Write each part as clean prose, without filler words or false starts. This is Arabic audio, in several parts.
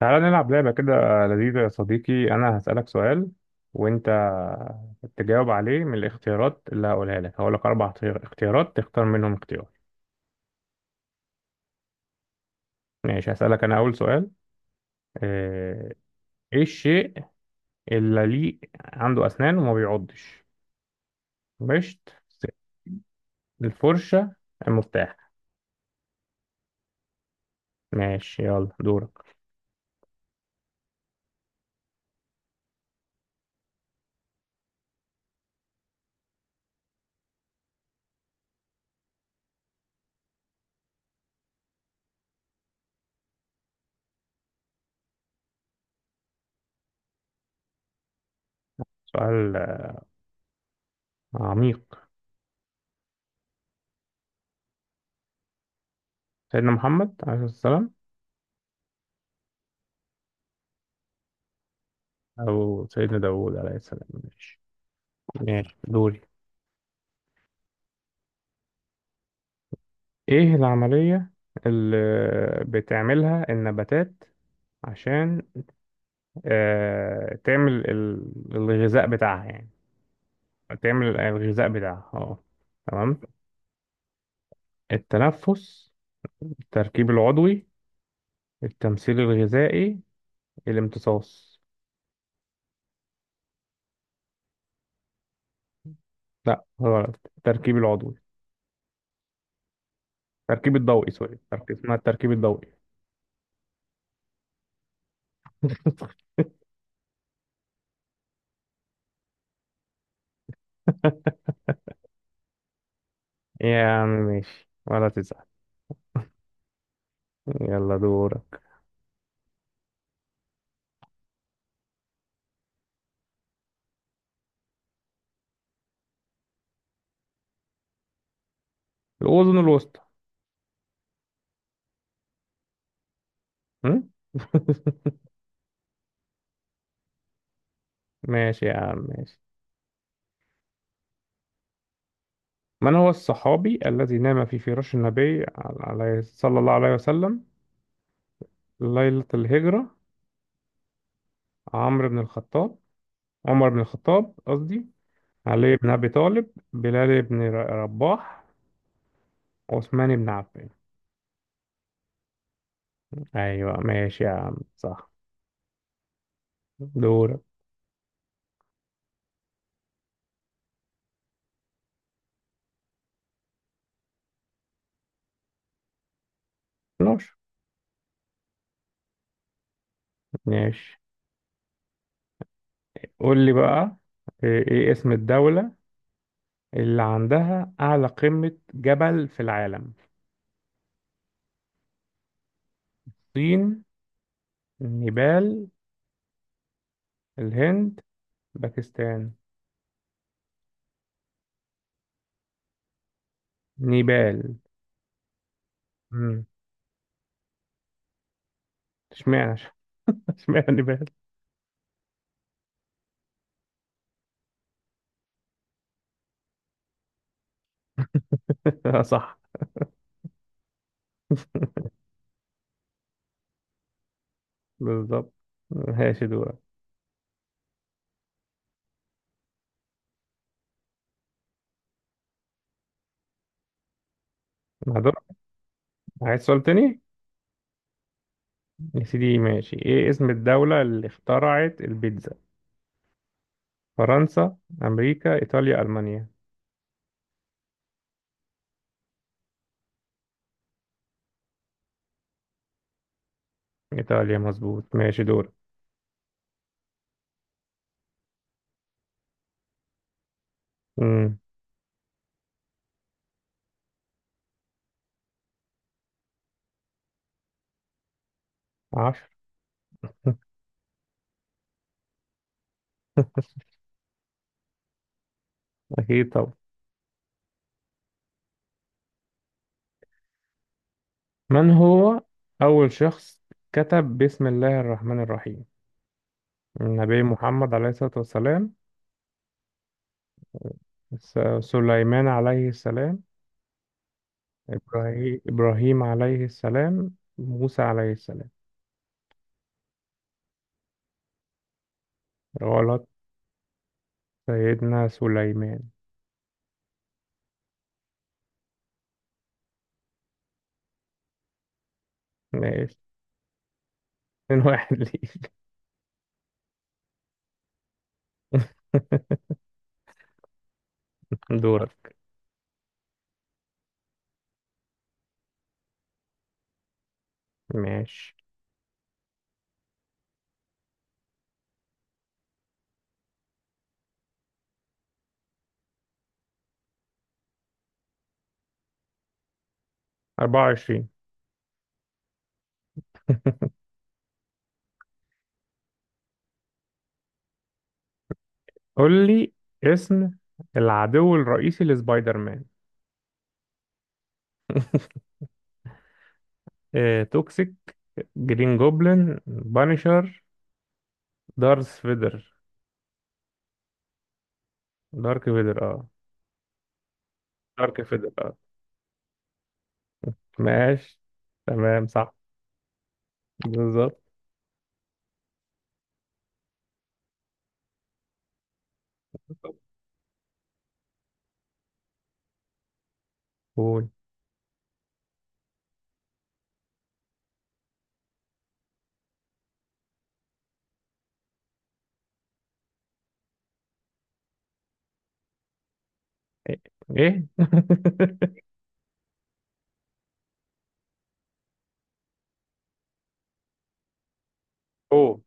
تعالى نلعب لعبة كده لذيذة يا صديقي. أنا هسألك سؤال وأنت تجاوب عليه من الاختيارات اللي هقولها لك. هقول لك اختيارات تختار منهم اختيار. ماشي، هسألك أنا أول سؤال. آه، إيه الشيء اللي ليه عنده أسنان وما بيعضش؟ مشت، الفرشة، المفتاح؟ ماشي يلا دورك. سؤال عميق. سيدنا محمد عليه السلام أو سيدنا داوود عليه السلام. ماشي، ماشي دوري. ايه العملية اللي بتعملها النباتات عشان تعمل الغذاء بتاعها يعني؟ تعمل الغذاء بتاعها، اه تمام. التنفس، التركيب العضوي، التمثيل الغذائي، الامتصاص؟ لا غلط، التركيب العضوي. التركيب الضوئي، سوري، التركيب اسمها التركيب الضوئي. يا عم ماشي ولا تزعل. يلا دورك. الأذن الوسطى. م? ماشي يا عم ماشي. من هو الصحابي الذي نام في فراش النبي عليه صلى الله عليه وسلم ليلة الهجرة؟ عمرو بن الخطاب، عمر بن الخطاب قصدي، علي بن أبي طالب، بلال بن رباح، عثمان بن عفان. أيوة ماشي يا عم صح. دورك. نوش. ماشي، قول لي بقى. إيه اسم الدولة اللي عندها أعلى قمة جبل في العالم؟ الصين، نيبال، الهند، باكستان. نيبال. اشمعنى؟ اشمعنى نبال. صح. بالظبط، ماشي دورك. هدور، عايز سؤال تاني. يا سيدي ماشي، ايه اسم الدولة اللي اخترعت البيتزا؟ فرنسا، امريكا، ايطاليا، المانيا. ايطاليا مظبوط، ماشي دورك. امم 10. اكيد طبعا. من هو اول شخص كتب بسم الله الرحمن الرحيم؟ النبي محمد عليه الصلاة والسلام، سليمان عليه السلام، إبراهيم عليه السلام، موسى عليه السلام. غلط، سيدنا سليمان. ماشي. 2-1 ليك. دورك. ماشي، 24. قول لي اسم العدو الرئيسي لسبايدر مان. اه توكسيك، جرين جوبلin بانشر، دارث فيدر. دارك فيدر اه، دارك فيدر ماشي تمام صح. بالظبط. قول ايه؟ إيه؟ اوه.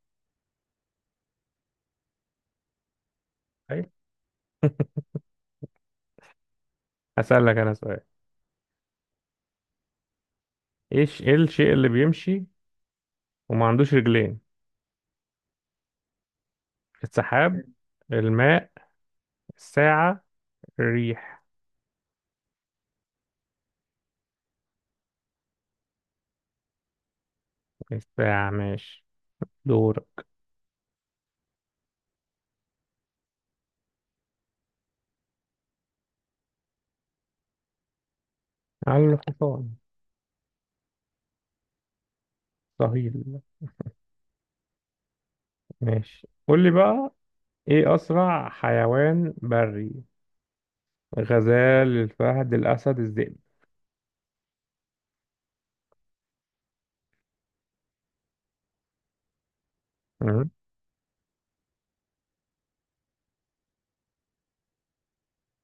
أيوة. هسألك انا سؤال. ايه الشيء اللي بيمشي وما عندوش رجلين؟ السحاب، الماء، الساعة، الريح. الساعة، ماشي دورك. على الحصان. صهيل. ماشي، قول لي بقى. ايه أسرع حيوان بري؟ الغزال، الفهد، الأسد، الذئب. مم.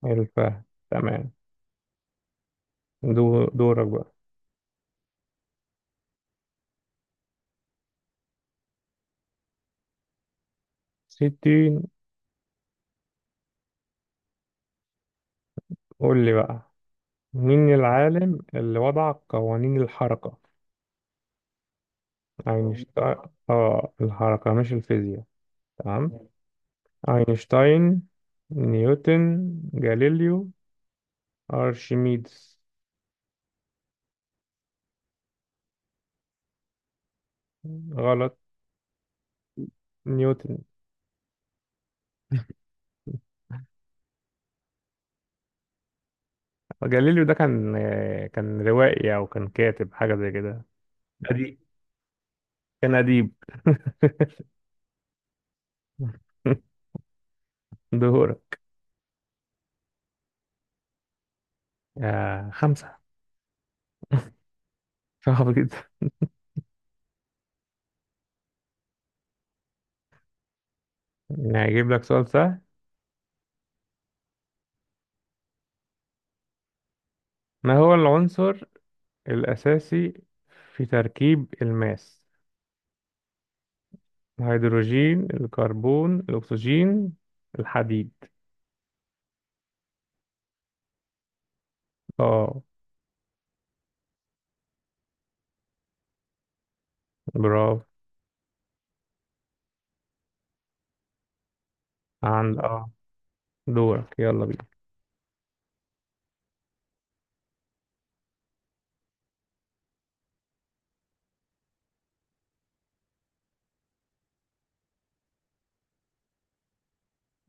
الفهد تمام. دورك بقى. 60. قول لي بقى، مين العالم اللي وضع قوانين الحركة؟ أينشتاين. اه الحركة مش الفيزياء. تمام. أينشتاين، نيوتن، جاليليو، أرشميدس. غلط، نيوتن. جاليليو ده كان روائي أو كان كاتب حاجة زي كده. أدي، كان أديب. دهورة. آه خمسة. صعب جدا. يعني هجيب لك سؤال سهل. ما هو العنصر الأساسي في تركيب الماس؟ الهيدروجين، الكربون، الأكسجين، الحديد. اه برافو. عند دورك يلا بينا.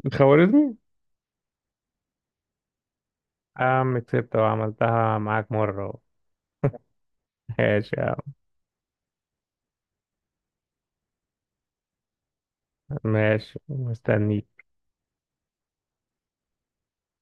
الخوارزمي. آه عم كسبت وعملتها معاك مرة. ماشي يا عم، ماشي مستني.